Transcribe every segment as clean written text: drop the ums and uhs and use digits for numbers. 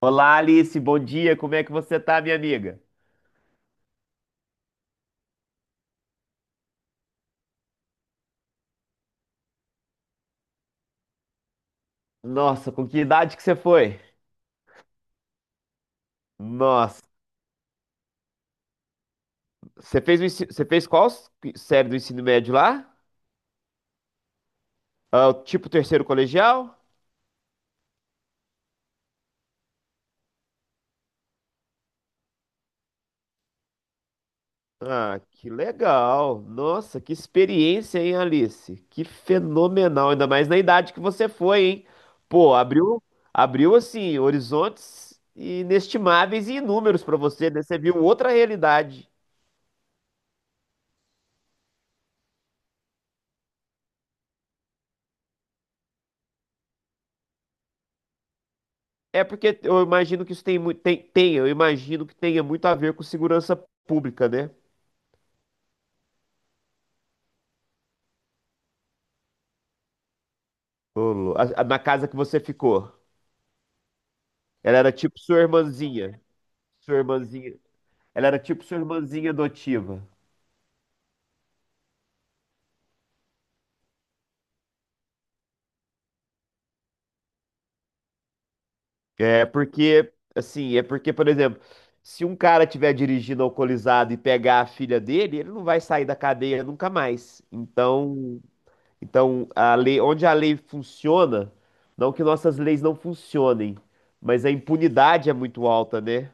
Olá, Alice, bom dia. Como é que você tá, minha amiga? Nossa, com que idade que você foi? Nossa, você fez série do ensino médio lá? Ah, o tipo terceiro colegial? Ah, que legal. Nossa, que experiência, hein, Alice? Que fenomenal, ainda mais na idade que você foi, hein? Pô, abriu assim horizontes inestimáveis e inúmeros pra você, né? Você viu outra realidade. É porque eu imagino que isso tem, mui- tem, tem, eu imagino que tenha muito a ver com segurança pública, né? Ô, Lu- a- Na casa que você ficou. Ela era tipo sua irmãzinha. Sua irmãzinha. Ela era tipo sua irmãzinha adotiva. É porque, por exemplo, se um cara tiver dirigindo alcoolizado e pegar a filha dele, ele não vai sair da cadeia nunca mais. Então a lei, onde a lei funciona, não que nossas leis não funcionem, mas a impunidade é muito alta, né?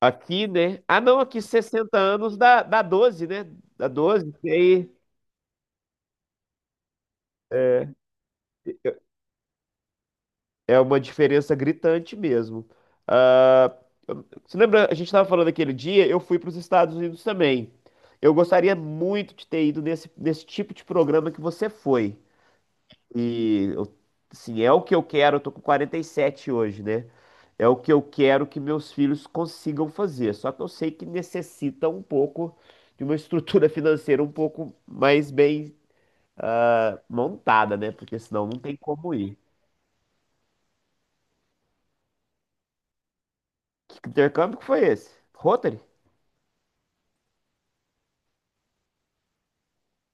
Aqui, né? Ah, não, aqui 60 anos dá 12, né? Dá 12, e é, é uma diferença gritante mesmo. Ah, você lembra, a gente estava falando aquele dia, eu fui para os Estados Unidos também. Eu gostaria muito de ter nesse tipo de programa que você foi. E eu, é o que eu quero, eu tô com 47 hoje, né? É o que eu quero que meus filhos consigam fazer. Só que eu sei que necessita um pouco de uma estrutura financeira um pouco mais bem montada, né? Porque senão não tem como ir. Que intercâmbio que foi esse? Rotary?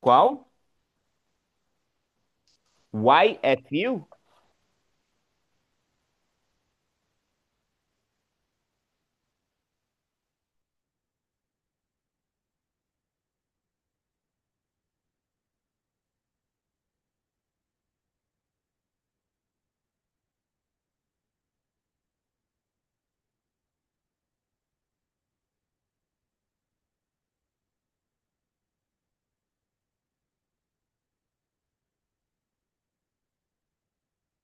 Qual? YFU?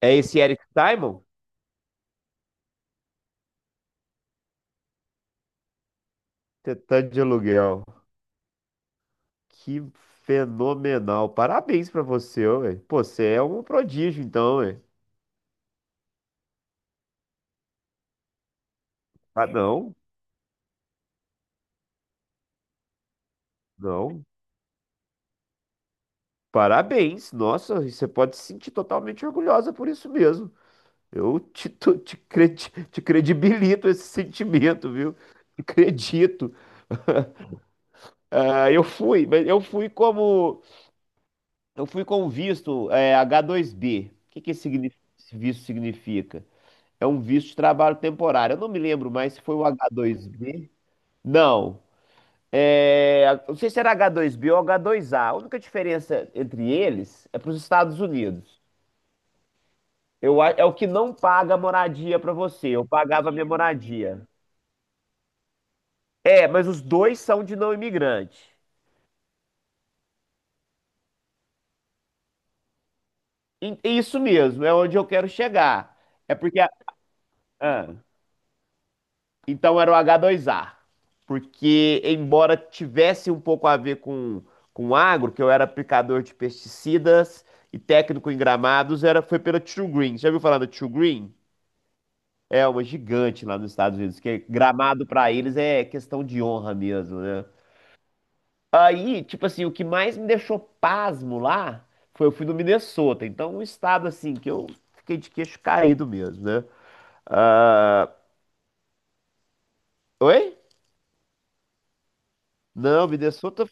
É esse Eric Simon? Tentante de aluguel. Que fenomenal. Parabéns pra você, ué. Pô, você é um prodígio, então, ué. Ah, não. Não, parabéns. Nossa, e você pode se sentir totalmente orgulhosa por isso mesmo. Eu te, tu- te, cre- te credibilito esse sentimento, viu? Acredito. Ah, eu fui, mas eu fui como eu fui com um visto H2B. O que que esse visto significa? É um visto de trabalho temporário. Eu não me lembro mais se foi o H2B. Não. É, não sei se era H2B ou H2A. A única diferença entre eles é para os Estados Unidos. É o que não paga a moradia pra você. Eu pagava a minha moradia. É, mas os dois são de não imigrante. Isso mesmo, é onde eu quero chegar. É porque. a- ah, então era o H2A. Porque, embora tivesse um pouco a ver com agro, que eu era aplicador de pesticidas e técnico em gramados, foi pela True Green. Já ouviu falar da True Green? É uma gigante lá nos Estados Unidos, que é gramado pra eles é questão de honra mesmo, né? Aí, tipo assim, o que mais me deixou pasmo lá foi eu fui no Minnesota. Então, um estado assim que eu fiquei de queixo caído mesmo, né? Ah, oi? Não, Minnesota.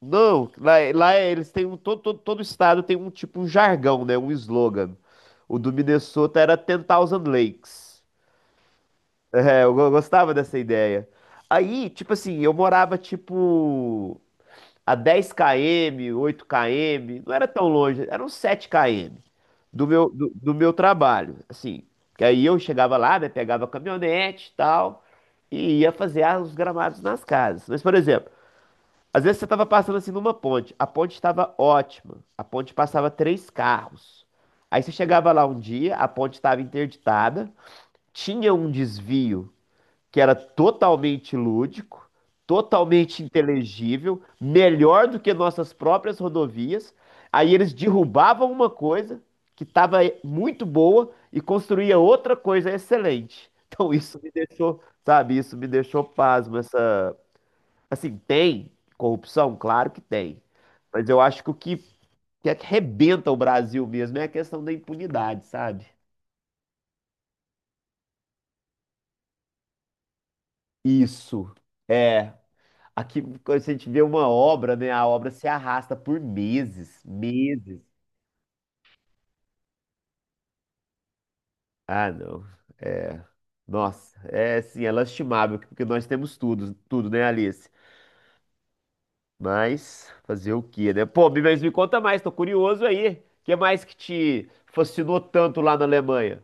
Não, lá eles têm um. Todo estado tem um tipo um jargão, né? Um slogan. O do Minnesota era Ten Thousand Lakes. É, gostava dessa ideia. Aí, tipo assim, eu morava tipo a dez km, oito km, não era tão longe, eram sete km do meu trabalho, assim. Que aí eu chegava lá, né, pegava a caminhonete e tal, e ia fazer os gramados nas casas. Mas, por exemplo, às vezes você estava passando assim numa ponte, a ponte estava ótima, a ponte passava 3 carros. Aí você chegava lá um dia, a ponte estava interditada, tinha um desvio que era totalmente lúdico, totalmente inteligível, melhor do que nossas próprias rodovias. Aí eles derrubavam uma coisa que estava muito boa e construía outra coisa excelente. Então isso me deixou, sabe, isso me deixou pasmo essa, assim, tem corrupção, claro que tem. Mas eu acho que arrebenta o Brasil mesmo é a questão da impunidade, sabe? Isso. É, aqui, quando a gente vê uma obra, né? A obra se arrasta por meses, meses. Ah, não. É, nossa, é assim, é lastimável, porque nós temos tudo, tudo, né, Alice? Mas fazer o quê, né? Pô, mas me conta mais, tô curioso aí. O que mais que te fascinou tanto lá na Alemanha?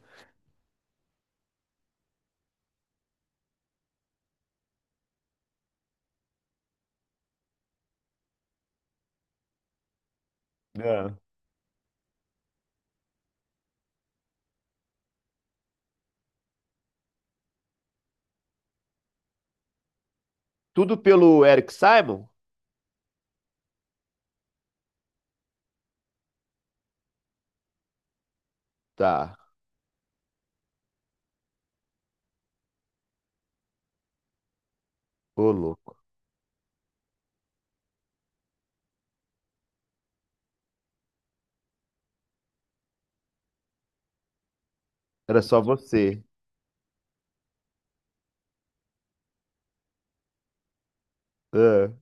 É. Tudo pelo Eric Simon? Tá, ô louco. Era só você. É.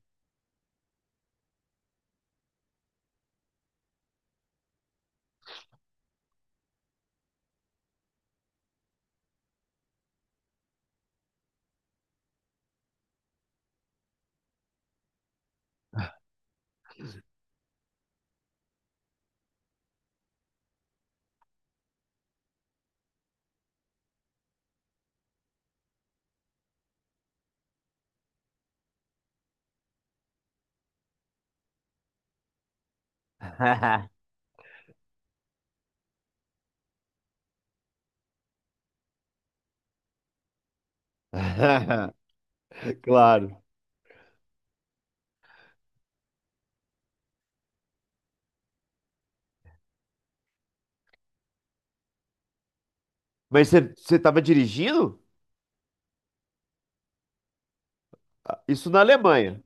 Claro. Mas você tava dirigindo? Isso na Alemanha.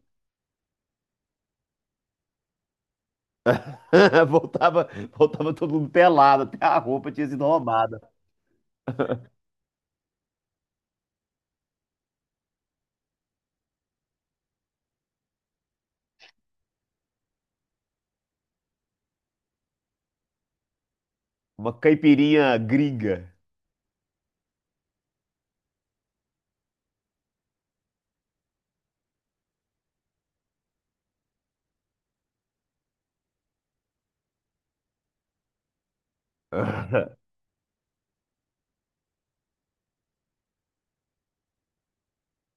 Voltava, voltava todo mundo pelado, até a roupa tinha sido roubada. Uma caipirinha gringa.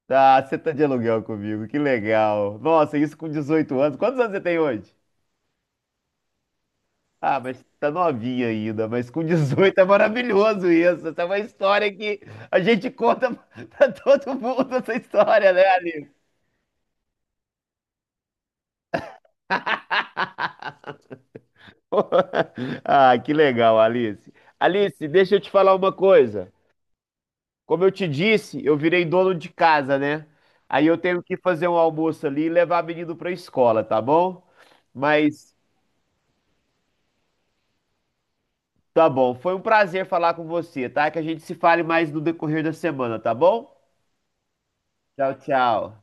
Ah, você tá de aluguel comigo, que legal. Nossa, isso com 18 anos. Quantos anos você tem hoje? Ah, mas tá novinha ainda, mas com 18 é maravilhoso isso. Essa é uma história que a gente conta pra todo mundo, essa história, né, Alice? Ah, que legal, Alice. Alice, deixa eu te falar uma coisa. Como eu te disse, eu virei dono de casa, né? Aí eu tenho que fazer um almoço ali e levar menino pra escola, tá bom? Mas tá bom, foi um prazer falar com você, tá? Que a gente se fale mais no decorrer da semana, tá bom? Tchau, tchau.